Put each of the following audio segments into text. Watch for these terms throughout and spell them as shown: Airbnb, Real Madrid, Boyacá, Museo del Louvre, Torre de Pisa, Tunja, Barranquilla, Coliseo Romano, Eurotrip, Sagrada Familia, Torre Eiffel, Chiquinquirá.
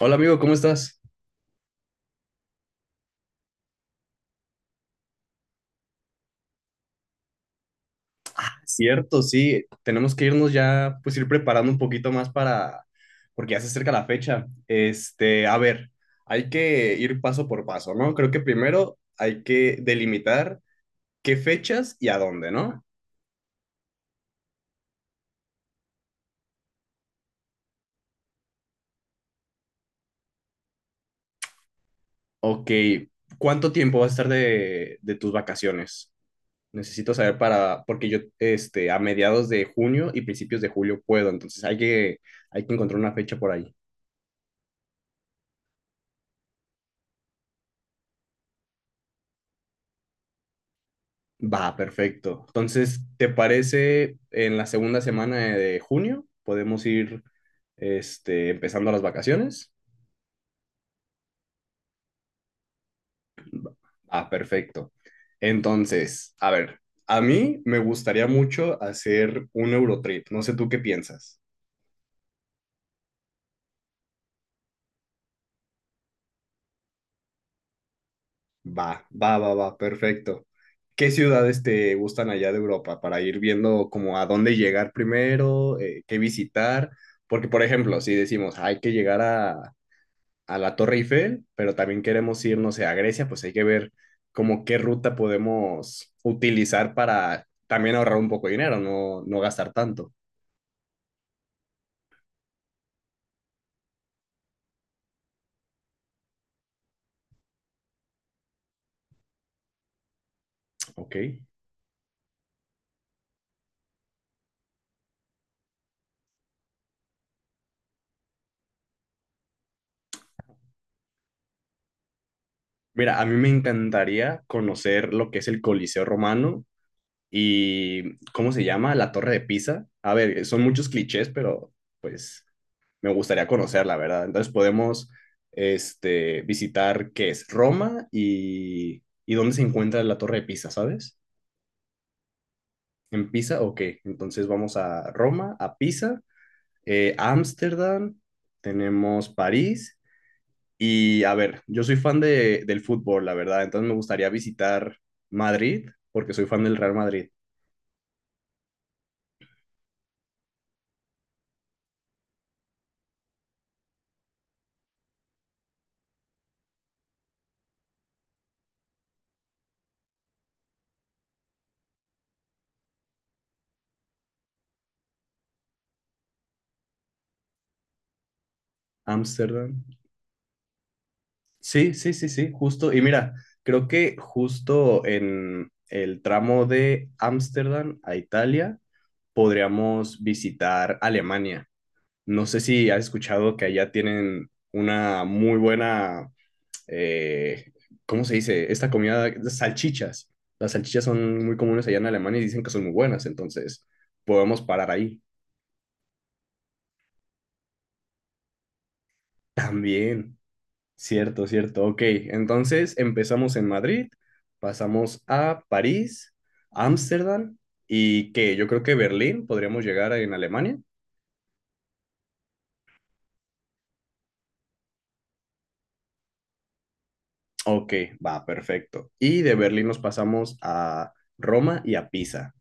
Hola amigo, ¿cómo estás? Cierto, sí, tenemos que irnos ya, pues ir preparando un poquito más porque ya se acerca la fecha. A ver, hay que ir paso por paso, ¿no? Creo que primero hay que delimitar qué fechas y a dónde, ¿no? Ok, ¿cuánto tiempo va a estar de tus vacaciones? Necesito saber porque yo, a mediados de junio y principios de julio puedo, entonces hay que encontrar una fecha por ahí. Va, perfecto. Entonces, ¿te parece en la segunda semana de junio? Podemos ir empezando las vacaciones. Ah, perfecto. Entonces, a ver, a mí me gustaría mucho hacer un Eurotrip. No sé tú qué piensas. Va, va, va, va, perfecto. ¿Qué ciudades te gustan allá de Europa para ir viendo como a dónde llegar primero, qué visitar? Porque, por ejemplo, si decimos, hay que llegar a la Torre Eiffel, pero también queremos ir, no sé, a Grecia, pues hay que ver como qué ruta podemos utilizar para también ahorrar un poco de dinero, no, no gastar tanto. Ok. Mira, a mí me encantaría conocer lo que es el Coliseo Romano y, ¿cómo se llama? La Torre de Pisa. A ver, son muchos clichés, pero pues me gustaría conocerla, ¿verdad? Entonces podemos visitar qué es Roma y dónde se encuentra la Torre de Pisa, ¿sabes? ¿En Pisa? Ok, entonces vamos a Roma, a Pisa, Ámsterdam, tenemos París y a ver, yo soy fan del fútbol, la verdad, entonces me gustaría visitar Madrid porque soy fan del Real Madrid. Ámsterdam. Sí, sí, sí, sí, justo. Y mira, creo que justo en el tramo de Ámsterdam a Italia podríamos visitar Alemania. No sé si has escuchado que allá tienen una muy buena eh, ¿cómo se dice? Esta comida, las salchichas. Las salchichas son muy comunes allá en Alemania y dicen que son muy buenas, entonces podemos parar ahí. También, cierto, cierto. Ok, entonces empezamos en Madrid, pasamos a París, Ámsterdam y que yo creo que Berlín podríamos llegar en Alemania. Ok, va, perfecto. Y de Berlín nos pasamos a Roma y a Pisa.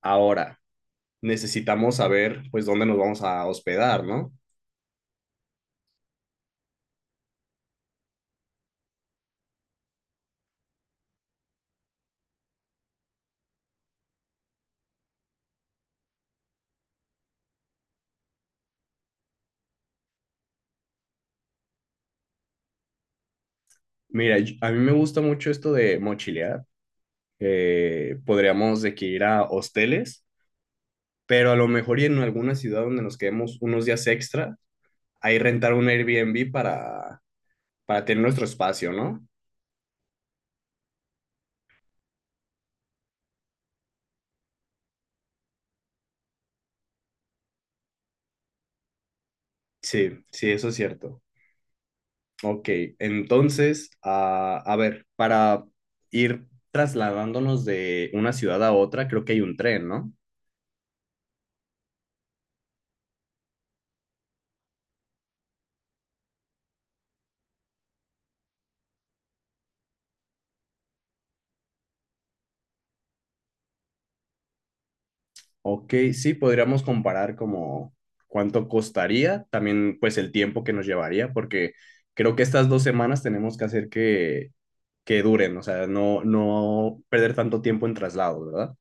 Ahora, necesitamos saber pues dónde nos vamos a hospedar, ¿no? Mira, a mí me gusta mucho esto de mochilear. Podríamos de que ir a hosteles, pero a lo mejor y en alguna ciudad donde nos quedemos unos días extra, ahí rentar un Airbnb para tener nuestro espacio, ¿no? Sí, sí, eso es cierto. Ok, entonces, a ver, para ir trasladándonos de una ciudad a otra, creo que hay un tren, ¿no? Ok, sí, podríamos comparar como cuánto costaría, también pues el tiempo que nos llevaría, porque creo que estas 2 semanas tenemos que hacer que duren, o sea, no, no perder tanto tiempo en traslado, ¿verdad?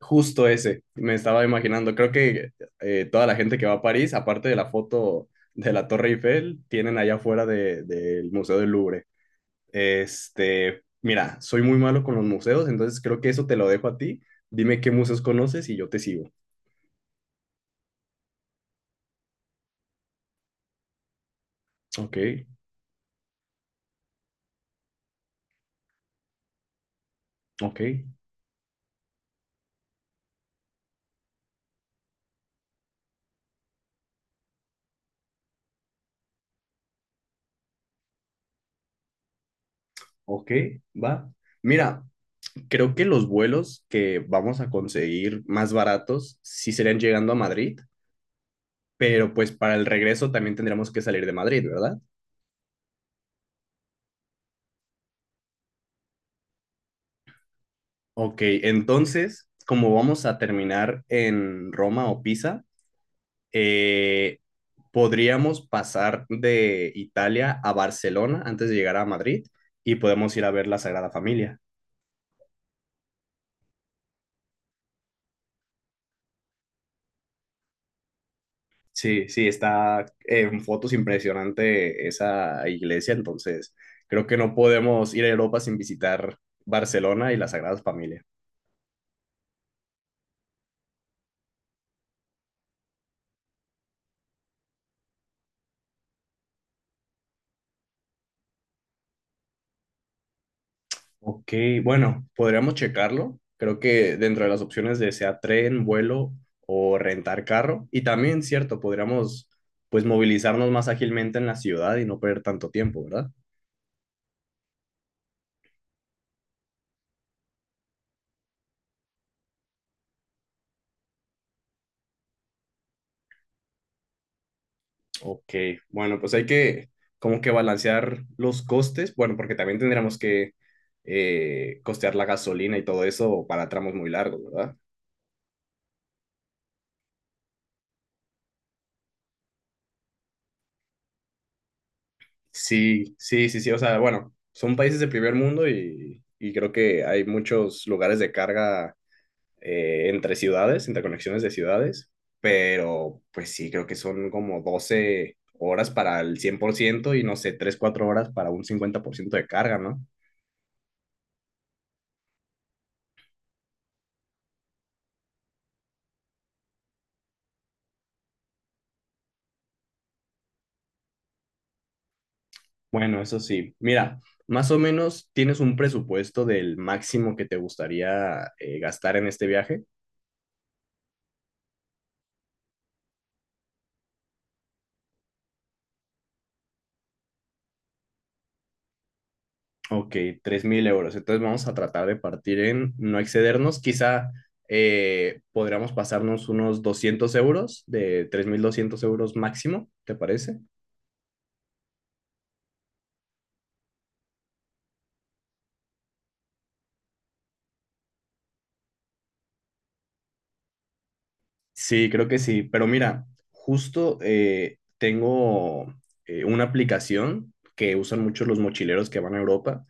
Justo ese, me estaba imaginando, creo que toda la gente que va a París, aparte de la foto de la Torre Eiffel, tienen allá afuera del Museo del Louvre. Mira, soy muy malo con los museos, entonces creo que eso te lo dejo a ti. Dime qué museos conoces y yo te sigo. Ok, ok, ok, va. Mira, creo que los vuelos que vamos a conseguir más baratos sí serían llegando a Madrid, pero pues para el regreso también tendríamos que salir de Madrid, ¿verdad? Ok, entonces, como vamos a terminar en Roma o Pisa, eh, podríamos pasar de Italia a Barcelona antes de llegar a Madrid y podemos ir a ver la Sagrada Familia. Sí, sí, está en fotos impresionante esa iglesia, entonces creo que no podemos ir a Europa sin visitar Barcelona y la Sagrada Familia. Ok, bueno, podríamos checarlo. Creo que dentro de las opciones de sea tren, vuelo o rentar carro, y también, cierto, podríamos pues movilizarnos más ágilmente en la ciudad y no perder tanto tiempo, ¿verdad? Ok, bueno, pues hay que como que balancear los costes, bueno, porque también tendríamos que costear la gasolina y todo eso para tramos muy largos, ¿verdad? Sí, sí, sí, sí, o sea, bueno, son países de primer mundo y creo que hay muchos lugares de carga entre ciudades, interconexiones de ciudades, pero pues sí, creo que son como 12 horas para el 100% y no sé, 3 4 horas para un 50% de carga, ¿no? Bueno, eso sí. Mira, más o menos tienes un presupuesto del máximo que te gustaría gastar en este viaje. Ok, 3.000 euros. Entonces vamos a tratar de partir en no excedernos. Quizá podríamos pasarnos unos 200 euros, de 3.200 € máximo, ¿te parece? Sí, creo que sí. Pero mira, justo tengo una aplicación que usan mucho los mochileros que van a Europa,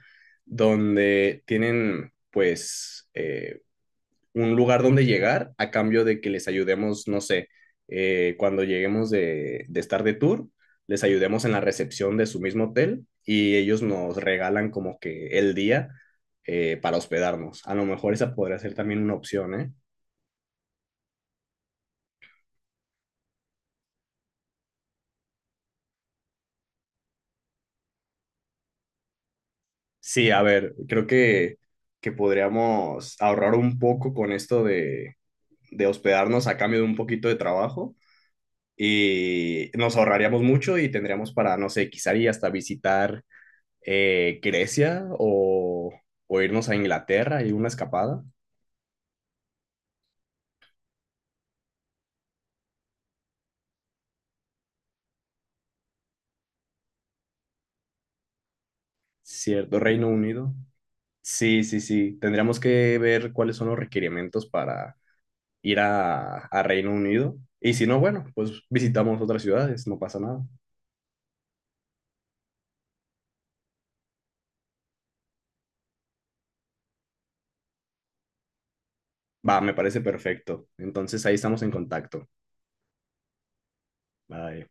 donde tienen pues un lugar donde llegar a cambio de que les ayudemos, no sé, cuando lleguemos de estar de tour, les ayudemos en la recepción de su mismo hotel y ellos nos regalan como que el día para hospedarnos. A lo mejor esa podría ser también una opción, ¿eh? Sí, a ver, creo que podríamos ahorrar un poco con esto de hospedarnos a cambio de un poquito de trabajo y nos ahorraríamos mucho y tendríamos para, no sé, quizá y hasta visitar Grecia o irnos a Inglaterra y una escapada, ¿cierto? Reino Unido. Sí, sí, sí. Tendríamos que ver cuáles son los requerimientos para ir a, Reino Unido. Y si no, bueno, pues visitamos otras ciudades, no pasa nada. Va, me parece perfecto. Entonces ahí estamos en contacto. Bye.